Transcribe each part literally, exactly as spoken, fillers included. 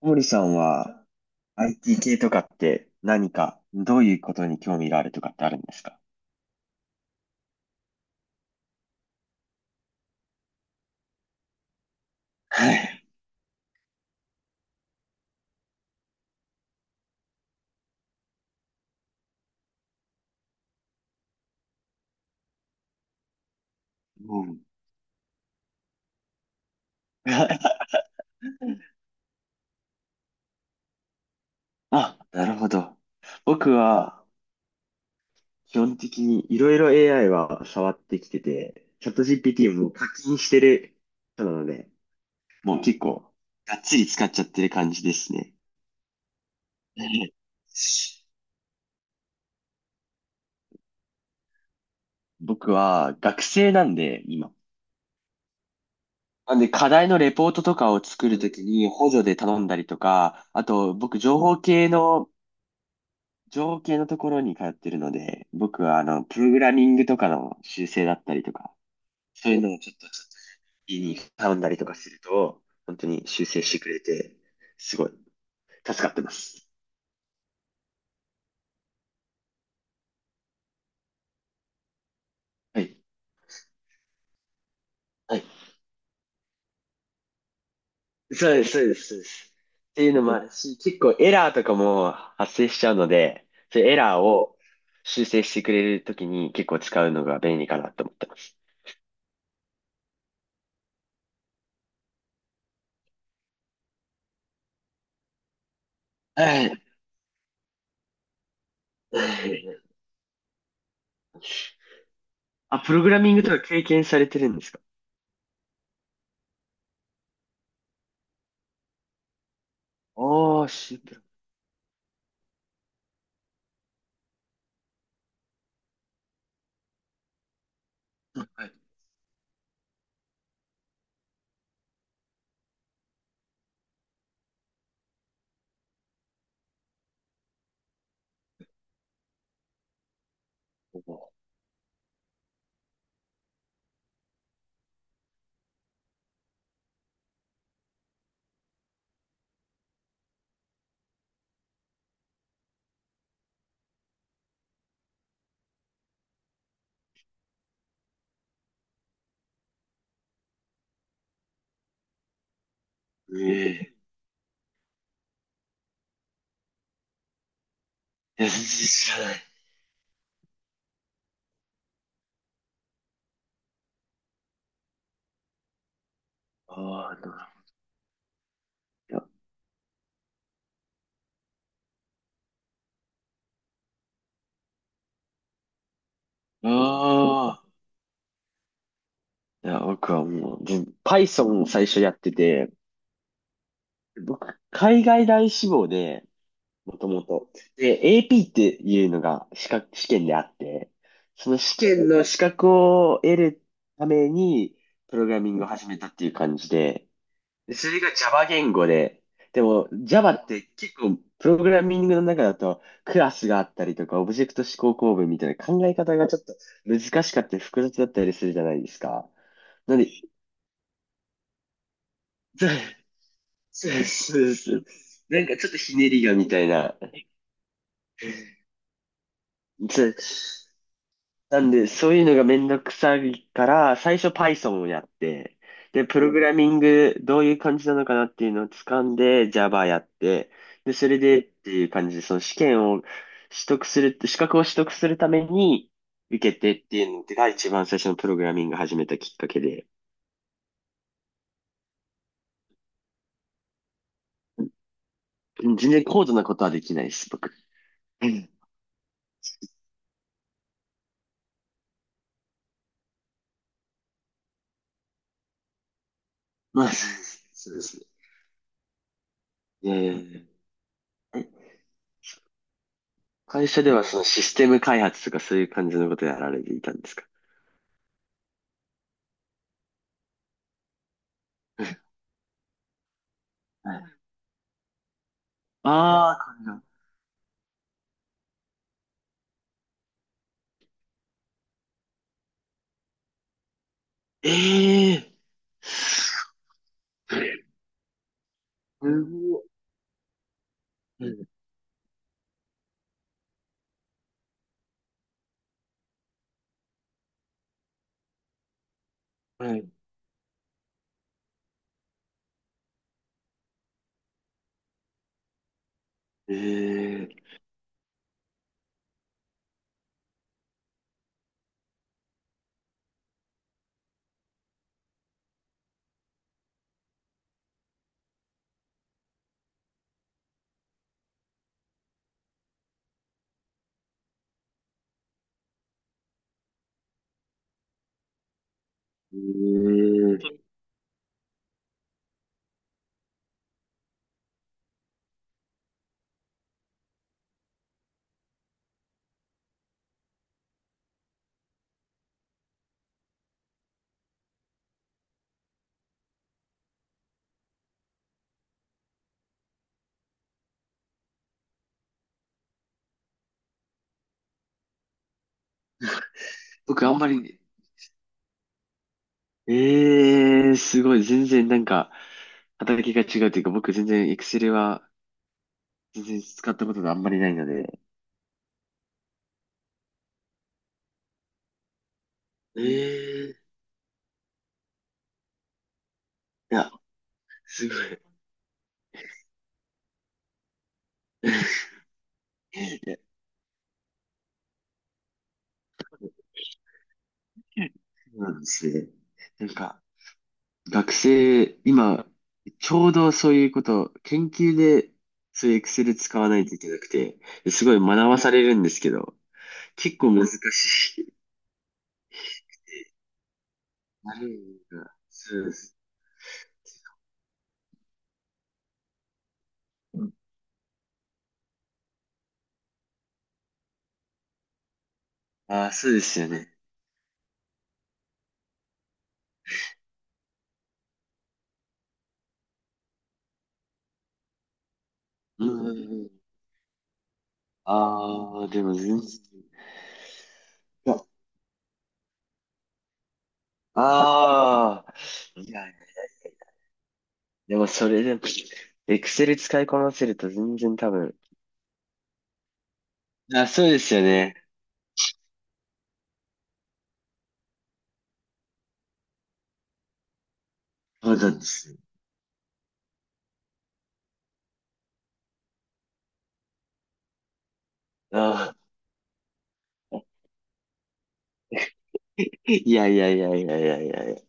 森さんは アイティー 系とかって何か、どういうことに興味があるとかってあるんですか？はい。うん。あ、なるほど。僕は基本的にいろいろ エーアイ は触ってきてて、チャット ジーピーティー も課金してる人なので、もう結構がっつり使っちゃってる感じですね。僕は学生なんで、今。なんで、課題のレポートとかを作るときに補助で頼んだりとか、あと、僕、情報系の情景のところに通ってるので、僕はあの、プログラミングとかの修正だったりとか、そういうのをちょっと、ちょっと、家に頼んだりとかすると、本当に修正してくれて、すごい、助かってます。はい。はい。そうです、そうです、そうです。っていうのもあるし、結構エラーとかも発生しちゃうので、そういうエラーを修正してくれるときに結構使うのが便利かなと思ってます。はい。はい。あ、プログラミングとか経験されてるんですか？おー、シンプル。はい。おー。ええ。いや、全然知らない。ああ、なるほど。いや。ああ。いや、僕はもう、全 Python を最初やってて、僕、海外大志望で、もともと。で、エーピー っていうのが資格、試験であって、その試験の資格を得るために、プログラミングを始めたっていう感じで、それが Java 言語で、でも Java って結構プログラミングの中だとクラスがあったりとかオブジェクト指向構文みたいな考え方がちょっと難しかったり複雑だったりするじゃないですか。なんで、そうそうそうそう。なんかちょっとひねりがみたいな。そう。なんで、そういうのがめんどくさいから、最初 Python をやって、で、プログラミング、どういう感じなのかなっていうのを掴んで、Java やって、で、それでっていう感じで、その試験を取得する、資格を取得するために、受けてっていうのが一番最初のプログラミングを始めたきっかけで、全然高度なことはできないです、僕。うん。まあ、そうですね。えーえ、会社ではそのシステム開発とかそういう感じのことやられていたんですか？はい。ああ、神奈川。ええー、すごい。うん。はい。ええ。ええ。僕あんまり、ええ、すごい。全然なんか、働きが違うというか、僕全然 Excel は全然使ったことがあんまりないので。ええ、いや、すごい。いや、そうなんですね。なんか、学生、今、ちょうどそういうこと、研究で、そういう Excel 使わないといけなくて、すごい学ばされるんですけど、結構難しい。なるほど、そうです。ああ、そうですよね。うんうんうん。ああ、でも全然。いや。ああ、いや、でもそれでも、Excel 使いこなせると全然多分。あ、そうですよね。そうなんです。ああ、いやいやいやいやいやいやいや。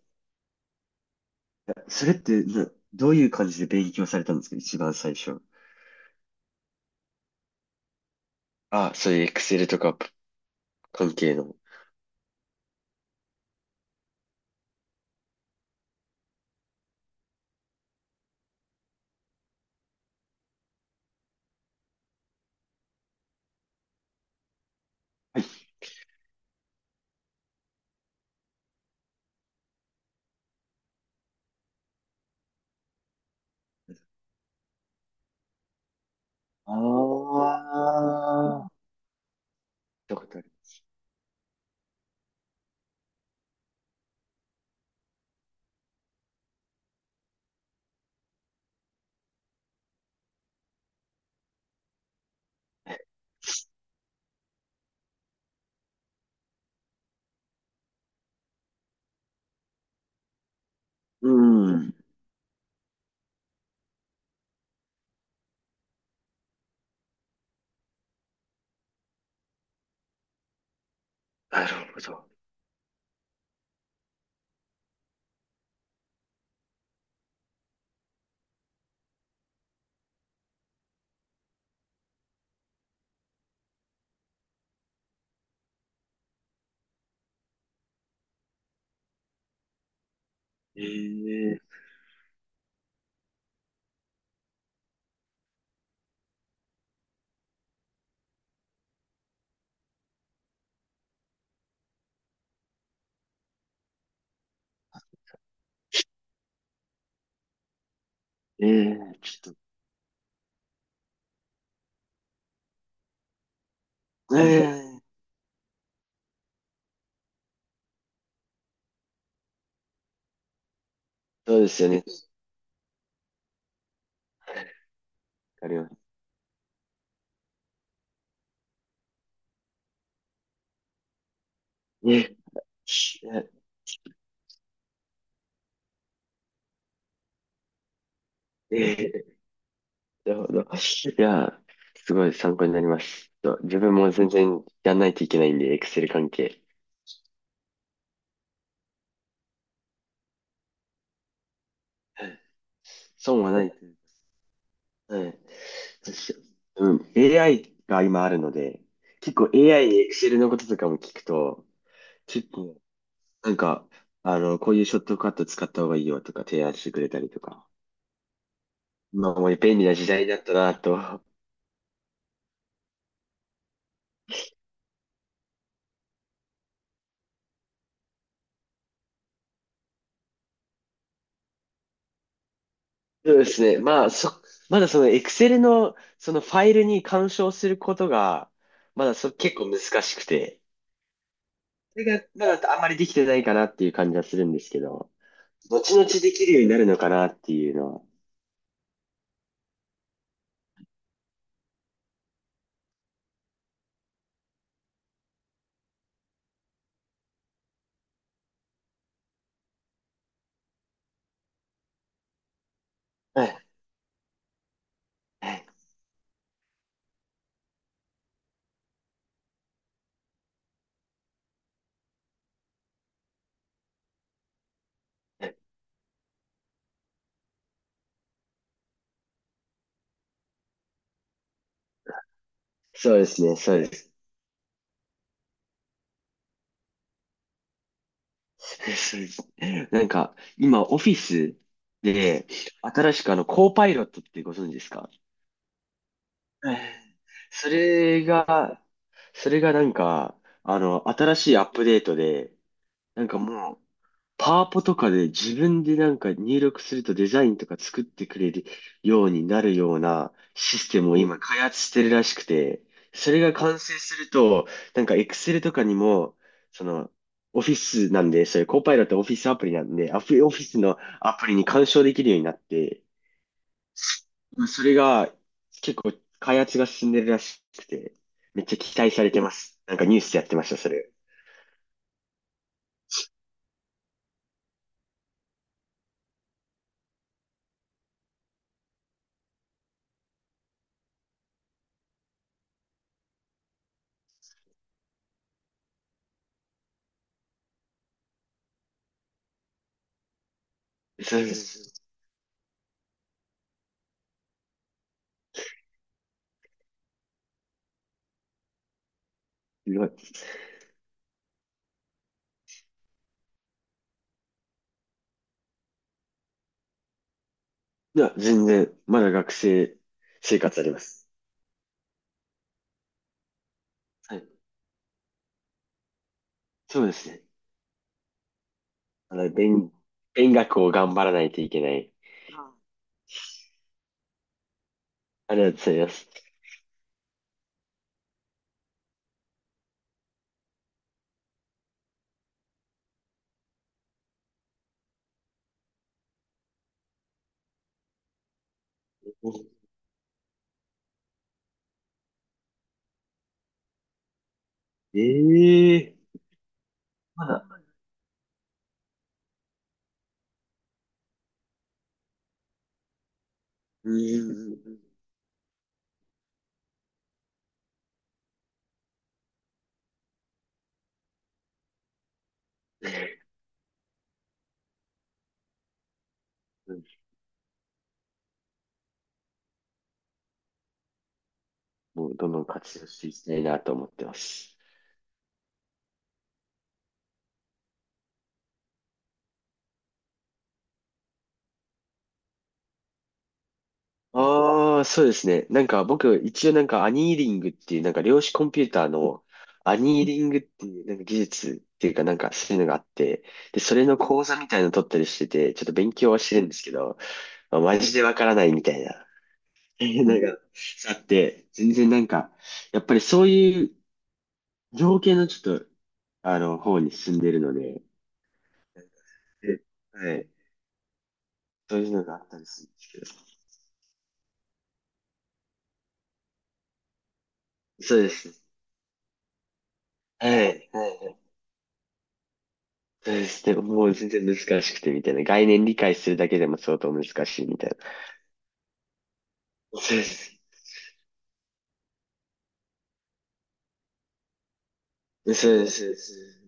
それってな、どういう感じで勉強されたんですか一番最初。あ、そういう Excel とか関係の。ああ、見たことある。うん。なるほど。ええ。ええ、ちょっと、ええ、そうですよね。わかります。ええ。ええ、なるほど。いや、すごい参考になります。ちょっと自分も全然やんないといけないんで、Excel 関係。損はない。はい。確、うん。エーアイ が今あるので、結構 エーアイ に Excel のこととかも聞くと、結構、なんか、あの、こういうショットカット使った方がいいよとか提案してくれたりとか。まあ、もう便利な時代になったなと。そうですね。まあ、そ、まだその Excel のそのファイルに干渉することが、まだそ、結構難しくて、それがまだあんまりできてないかなっていう感じはするんですけど、後々できるようになるのかなっていうのは。はい。はい。そうですね、そうです。そうです。なんか、今、オフィスで、新しくあの、コーパイロットってご存知ですか？はい。それが、それがなんか、あの、新しいアップデートで、なんかもう、パワポとかで自分でなんか入力するとデザインとか作ってくれるようになるようなシステムを今開発してるらしくて、それが完成すると、なんか Excel とかにも、その、オフィスなんで、そういうコーパイロットオフィスアプリなんで、アフオフィスのアプリに干渉できるようになって、まあそれが結構開発が進んでるらしくて、めっちゃ期待されてます。なんかニュースでやってました、それ。そうそうそう。いや、全然、まだ学生生活あります。はい。そうですね。まだ、勉、勉学を頑張らないといけない。ありがとうございます。ええ、まだ、うーん。もう、どんどん活用していきたいなと思ってます。ああ、そうですね。なんか僕、一応なんかアニーリングっていう、なんか量子コンピューターのアニーリングっていう、なんか技術っていうかなんかそういうのがあって、で、それの講座みたいなの取ったりしてて、ちょっと勉強はしてるんですけど、まあマジでわからないみたいな。なんか、さって、全然なんか、やっぱりそういう情景のちょっと、あの、方に進んでるので、で、はい。そういうのがあったりするんですけど。そうです。はい。はいはい。そうですね。もう全然難しくてみたいな。概念理解するだけでも相当難しいみたいな。そうです。そうです。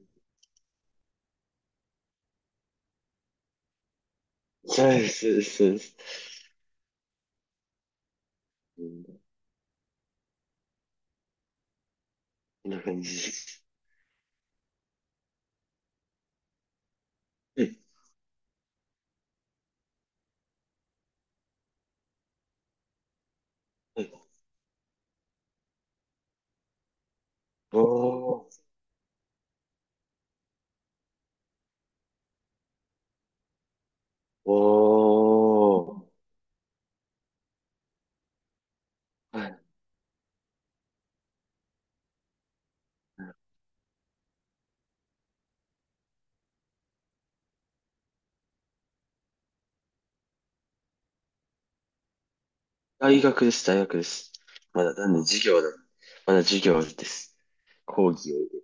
そうです。そうです。そうです。うん、こんな感じです。うんうん。おー。おー。大学です、大学です。まだ、なんで授業だ。まだ授業です。講義を。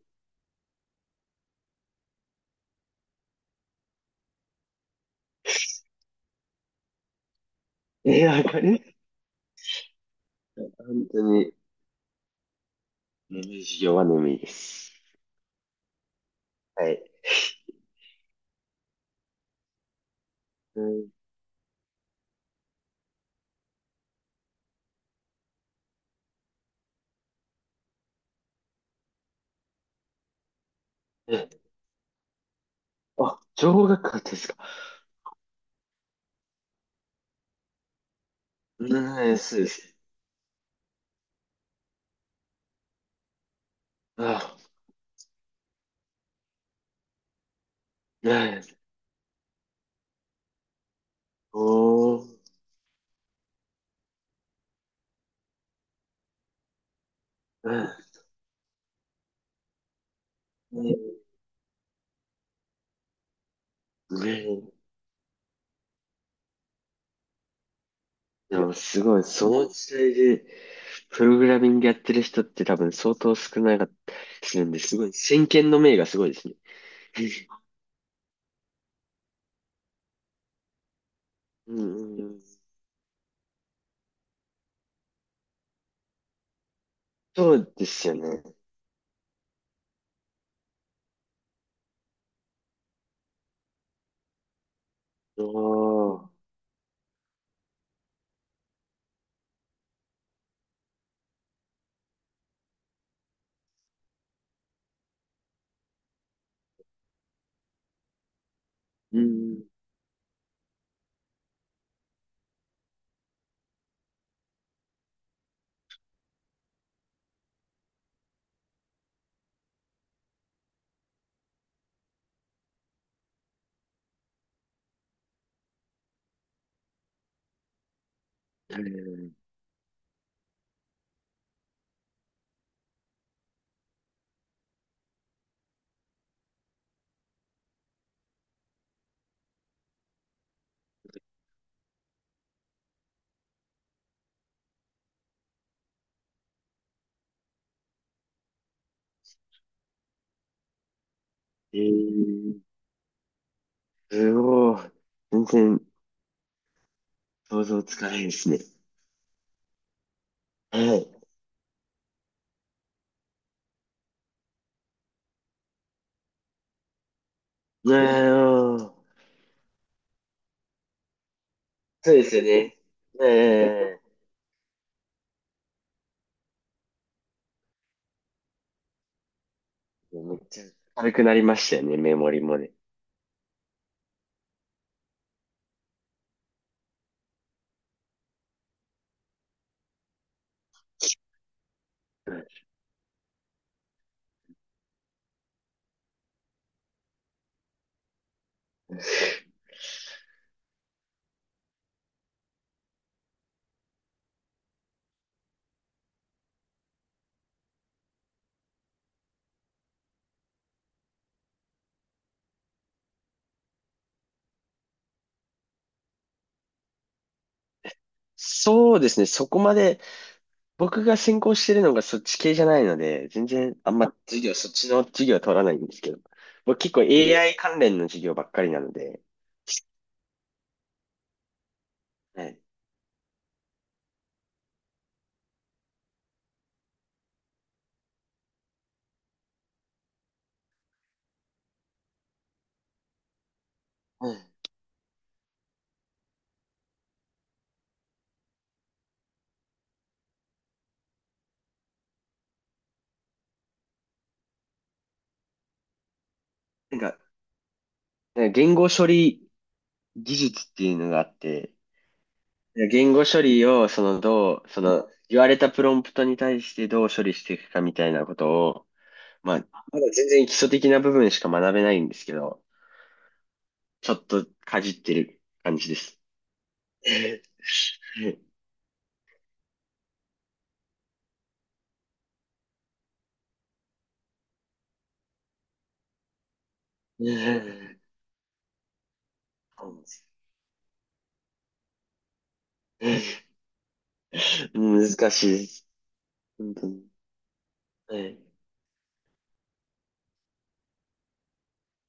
えー、わかる。本当に、眠い授業は眠いです。はい。うん、え、あ、情報学科ですか？うん、そうです。あ、ね、おー、うん、ね、ね、でもすごい、その時代で、プログラミングやってる人って多分相当少なかったりするんで、すごい、先見の明がすごいですね。うんうんうん、そうですよね。ああ、うん。えー、すごい。全然想像つかないですね。はい。いやー、そうですよね。ええ、めっちゃ軽くなりましたよね、メモリもね。そうですね、そこまで、僕が専攻してるのがそっち系じゃないので、全然あんま授業、そっちの授業は取らないんですけど、僕結構 エーアイ 関連の授業ばっかりなので、はい。うん。なんか、言語処理技術っていうのがあって、いや言語処理を、その、どう、その、言われたプロンプトに対してどう処理していくかみたいなことを、まあ、まだ全然基礎的な部分しか学べないんですけど、ちょっとかじってる感じです。難しいです。本当に。はい。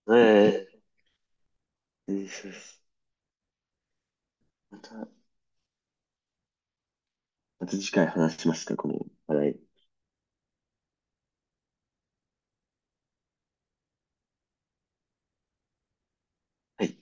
はい。そうです。また、また次回話しますか、この話題。はい